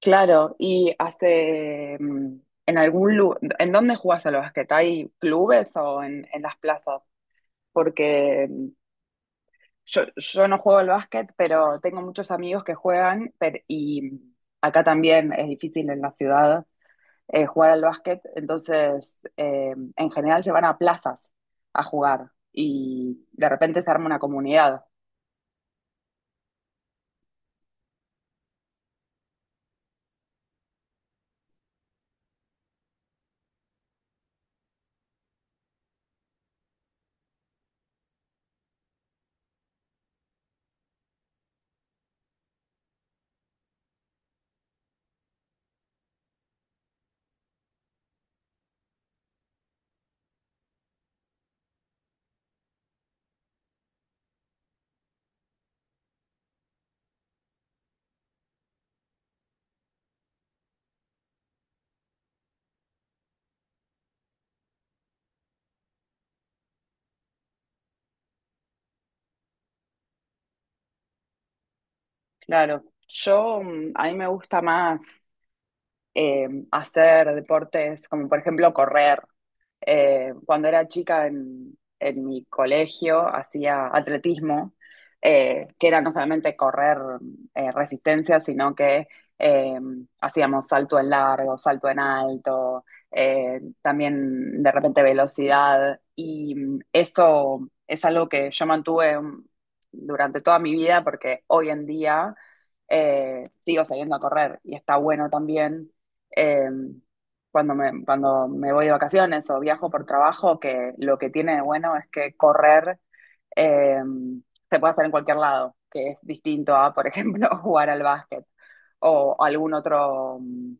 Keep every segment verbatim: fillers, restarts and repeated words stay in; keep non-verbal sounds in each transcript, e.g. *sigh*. Claro, y hace mm, en algún lu- ¿en dónde jugás al básquet? ¿Hay clubes o en, en las plazas? Porque mm, yo, yo no juego al básquet, pero tengo muchos amigos que juegan per- y mm, acá también es difícil en la ciudad eh, jugar al básquet, entonces eh, en general se van a plazas a jugar y de repente se arma una comunidad. Claro, yo mm, a mí me gusta más eh, hacer deportes como por ejemplo correr. Eh, cuando era chica en, en mi colegio hacía atletismo, eh, que era no solamente correr eh, resistencia, sino que eh, hacíamos salto en largo, salto en alto, eh, también de repente velocidad. Y mm, eso es algo que yo mantuve mm, durante toda mi vida porque hoy en día eh, sigo saliendo a correr y está bueno también. Eh, cuando me, cuando me voy de vacaciones o viajo por trabajo, que lo que tiene de bueno es que correr eh, se puede hacer en cualquier lado, que es distinto a, por ejemplo, *laughs* jugar al básquet o algún otro, mm,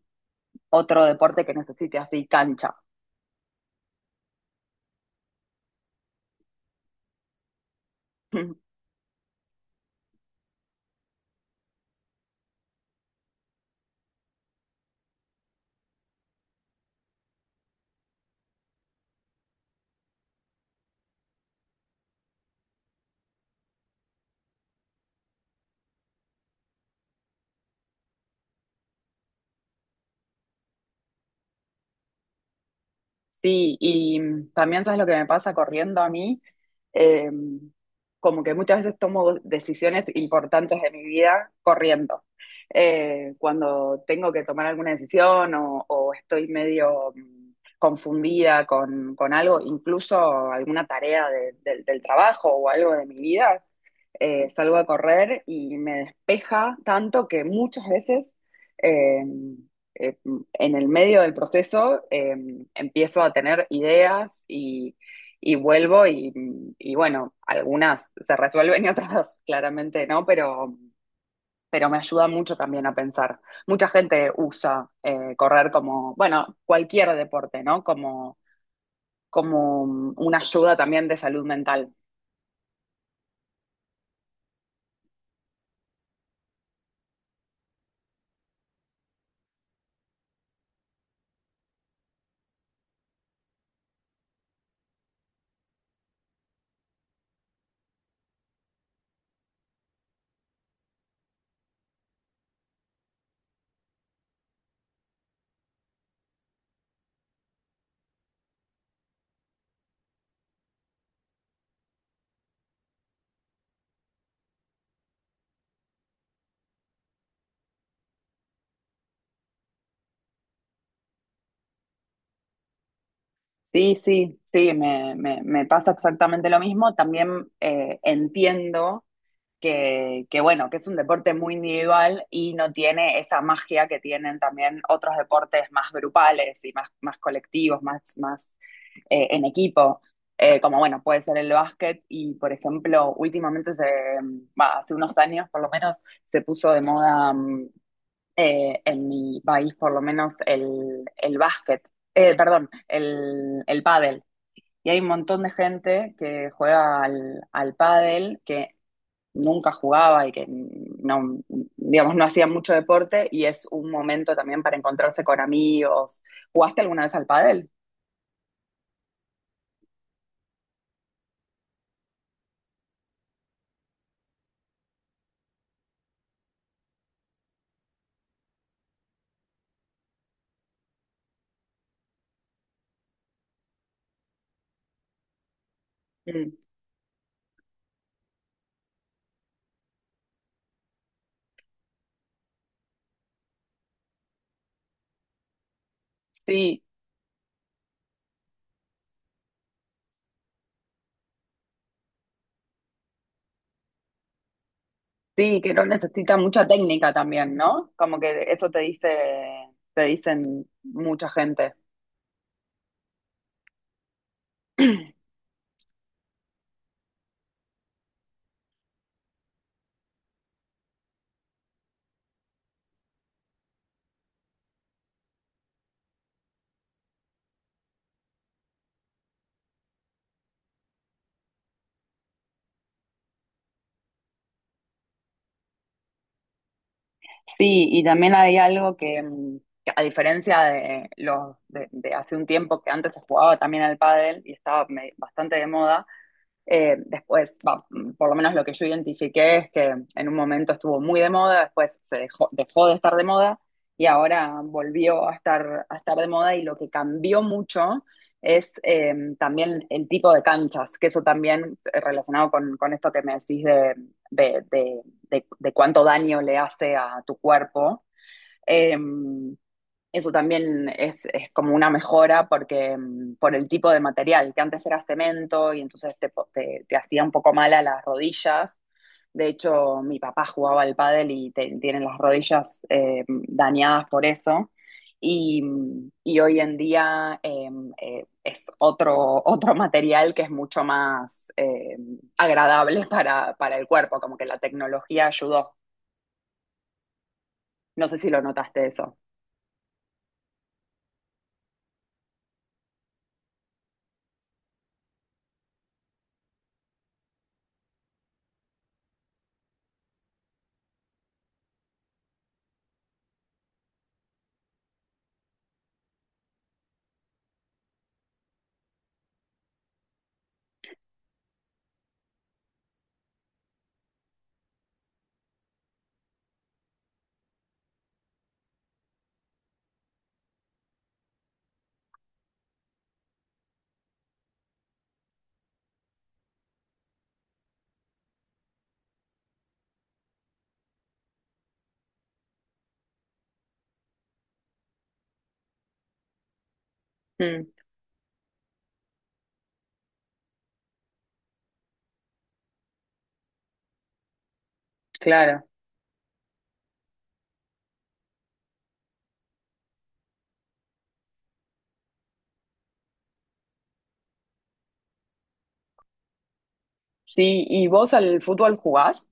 otro deporte que necesite así cancha. *laughs* Sí, y mm, también sabes lo que me pasa corriendo a mí. Eh, como que muchas veces tomo decisiones importantes de mi vida corriendo. Eh, cuando tengo que tomar alguna decisión o, o estoy medio mm, confundida con, con algo, incluso alguna tarea de- del del trabajo o algo de mi vida, eh, salgo a correr y me despeja tanto que muchas veces eh, eh, en el medio del proceso eh, empiezo a tener ideas y, y vuelvo y, y, bueno, algunas se resuelven y otras *laughs* claramente no, pero, pero me ayuda mucho también a pensar. Mucha gente usa eh, correr como, bueno, cualquier deporte, ¿no? Como, como una ayuda también de salud mental. Sí, sí, sí, me, me, me pasa exactamente lo mismo. También eh, entiendo que, que, bueno, que es un deporte muy individual y no tiene esa magia que tienen también otros deportes más grupales y más, más colectivos, más, más eh, en equipo. Eh, como bueno, puede ser el básquet y por ejemplo, últimamente, se, bah, hace unos años por lo menos, se puso de moda mm, eh, en mi país por lo menos el, el básquet, eh, perdón, el, el pádel. Y hay un montón de gente que juega al, al pádel que nunca jugaba y que no, digamos, no hacía mucho deporte y es un momento también para encontrarse con amigos. ¿Jugaste alguna vez al pádel? Mm. Sí, sí, que no necesita mucha técnica también, ¿no? Como que eso te dice, te dicen mucha gente. *clears throat* Sí, y también hay algo que, mm, que a diferencia de los de, de hace un tiempo que antes se jugaba también al pádel y estaba me- bastante de moda. Eh, después, va, por lo menos lo que yo identifiqué es que en un momento estuvo muy de moda, después se dejó, dejó de estar de moda y ahora volvió a estar, a estar de moda y lo que cambió mucho es eh, también el tipo de canchas, que eso también eh, relacionado con, con esto que me decís de, de, de, de- de cuánto daño le hace a tu cuerpo. Eh, eso también es, es como una mejora porque mm, por el tipo de material, que antes era cemento y entonces te, po- te- te hacía un poco mal a las rodillas. De hecho, mi papá jugaba al pádel y te- tiene las rodillas eh, dañadas por eso. Y, mm, y hoy en día eh, eh, es otro, otro material que es mucho más eh, agradable para, para el cuerpo, como que la tecnología ayudó. No sé si lo notaste eso. Mm, claro. Sí, ¿y vos al fútbol jugás?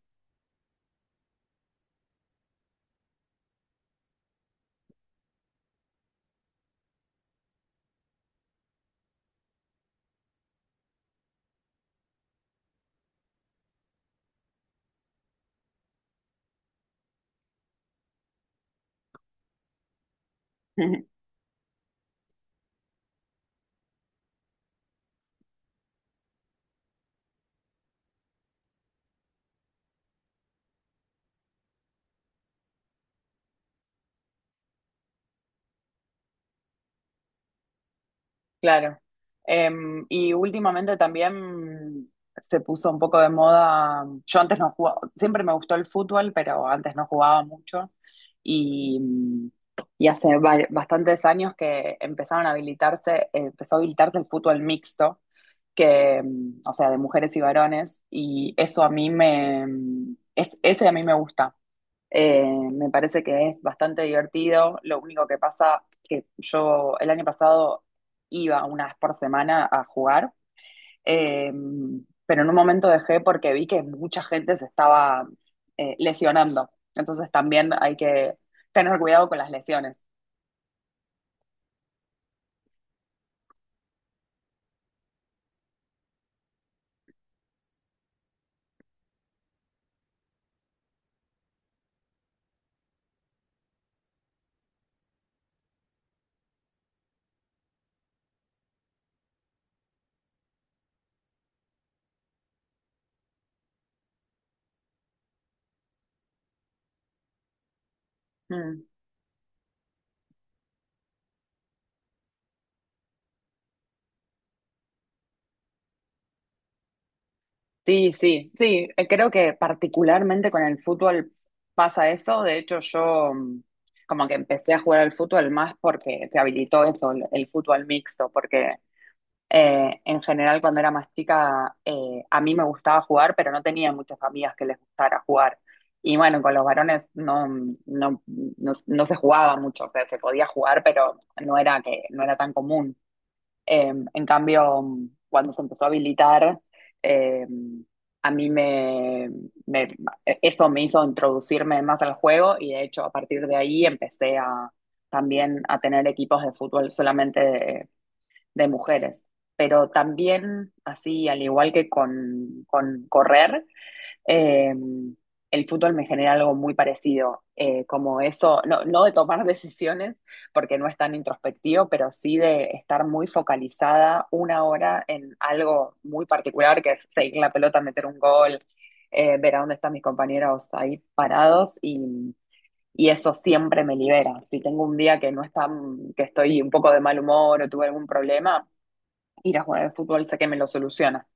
*laughs* Claro. Em, y últimamente también se puso un poco de moda. Yo antes no jugaba, siempre me gustó el fútbol, pero antes no jugaba mucho. Y, y hace ba- bastantes años que empezaron a habilitarse, empezó a habilitarse el fútbol mixto, que, em, o sea, de mujeres y varones. Y eso a mí me, es, ese a mí me gusta. Eh, me parece que es bastante divertido. Lo único que pasa que yo el año pasado iba una vez por semana a jugar, eh, pero en un momento dejé porque vi que mucha gente se estaba eh, lesionando. Entonces también hay que tener cuidado con las lesiones. Mm. Sí, sí, sí. eh, Creo que particularmente con el fútbol pasa eso. De hecho, yo mm, como que empecé a jugar al fútbol más porque se habilitó eso, el, el fútbol mixto, porque Eh, en general, cuando era más chica, eh, a mí me gustaba jugar, pero no tenía muchas amigas que les gustara jugar. Y bueno, con los varones no, no, no, no se jugaba mucho, o sea, se podía jugar, pero no era que, no era tan común. Eh, en cambio, cuando se empezó a habilitar, eh, a mí me, me- eso me hizo introducirme más al juego y de hecho a partir de ahí empecé a también a tener equipos de fútbol solamente de mujeres. Pero también, así, al igual que con, con correr, eh, el fútbol me genera algo muy parecido, eh, como eso, no, no de tomar *laughs* decisiones, porque no es tan introspectivo, pero sí de estar muy focalizada una hora en algo muy particular, que es seguir la pelota, meter un gol, eh, ver a dónde están mis compañeros ahí parados y, y eso siempre me libera. Si tengo un día que no está, que estoy un poco de mal humor o tuve algún problema, ir a jugar al fútbol hasta que me lo soluciona.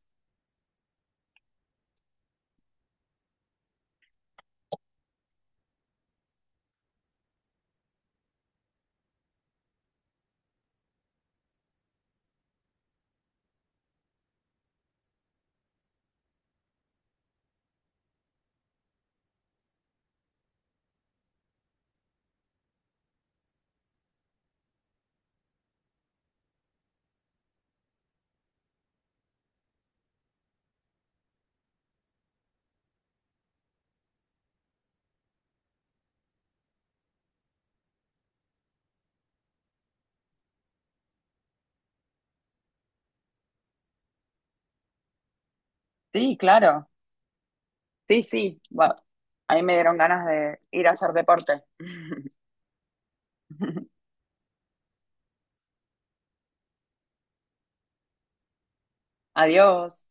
Sí, claro. Sí, sí. Bueno, ahí me dieron ganas de ir a hacer deporte. *laughs* Adiós.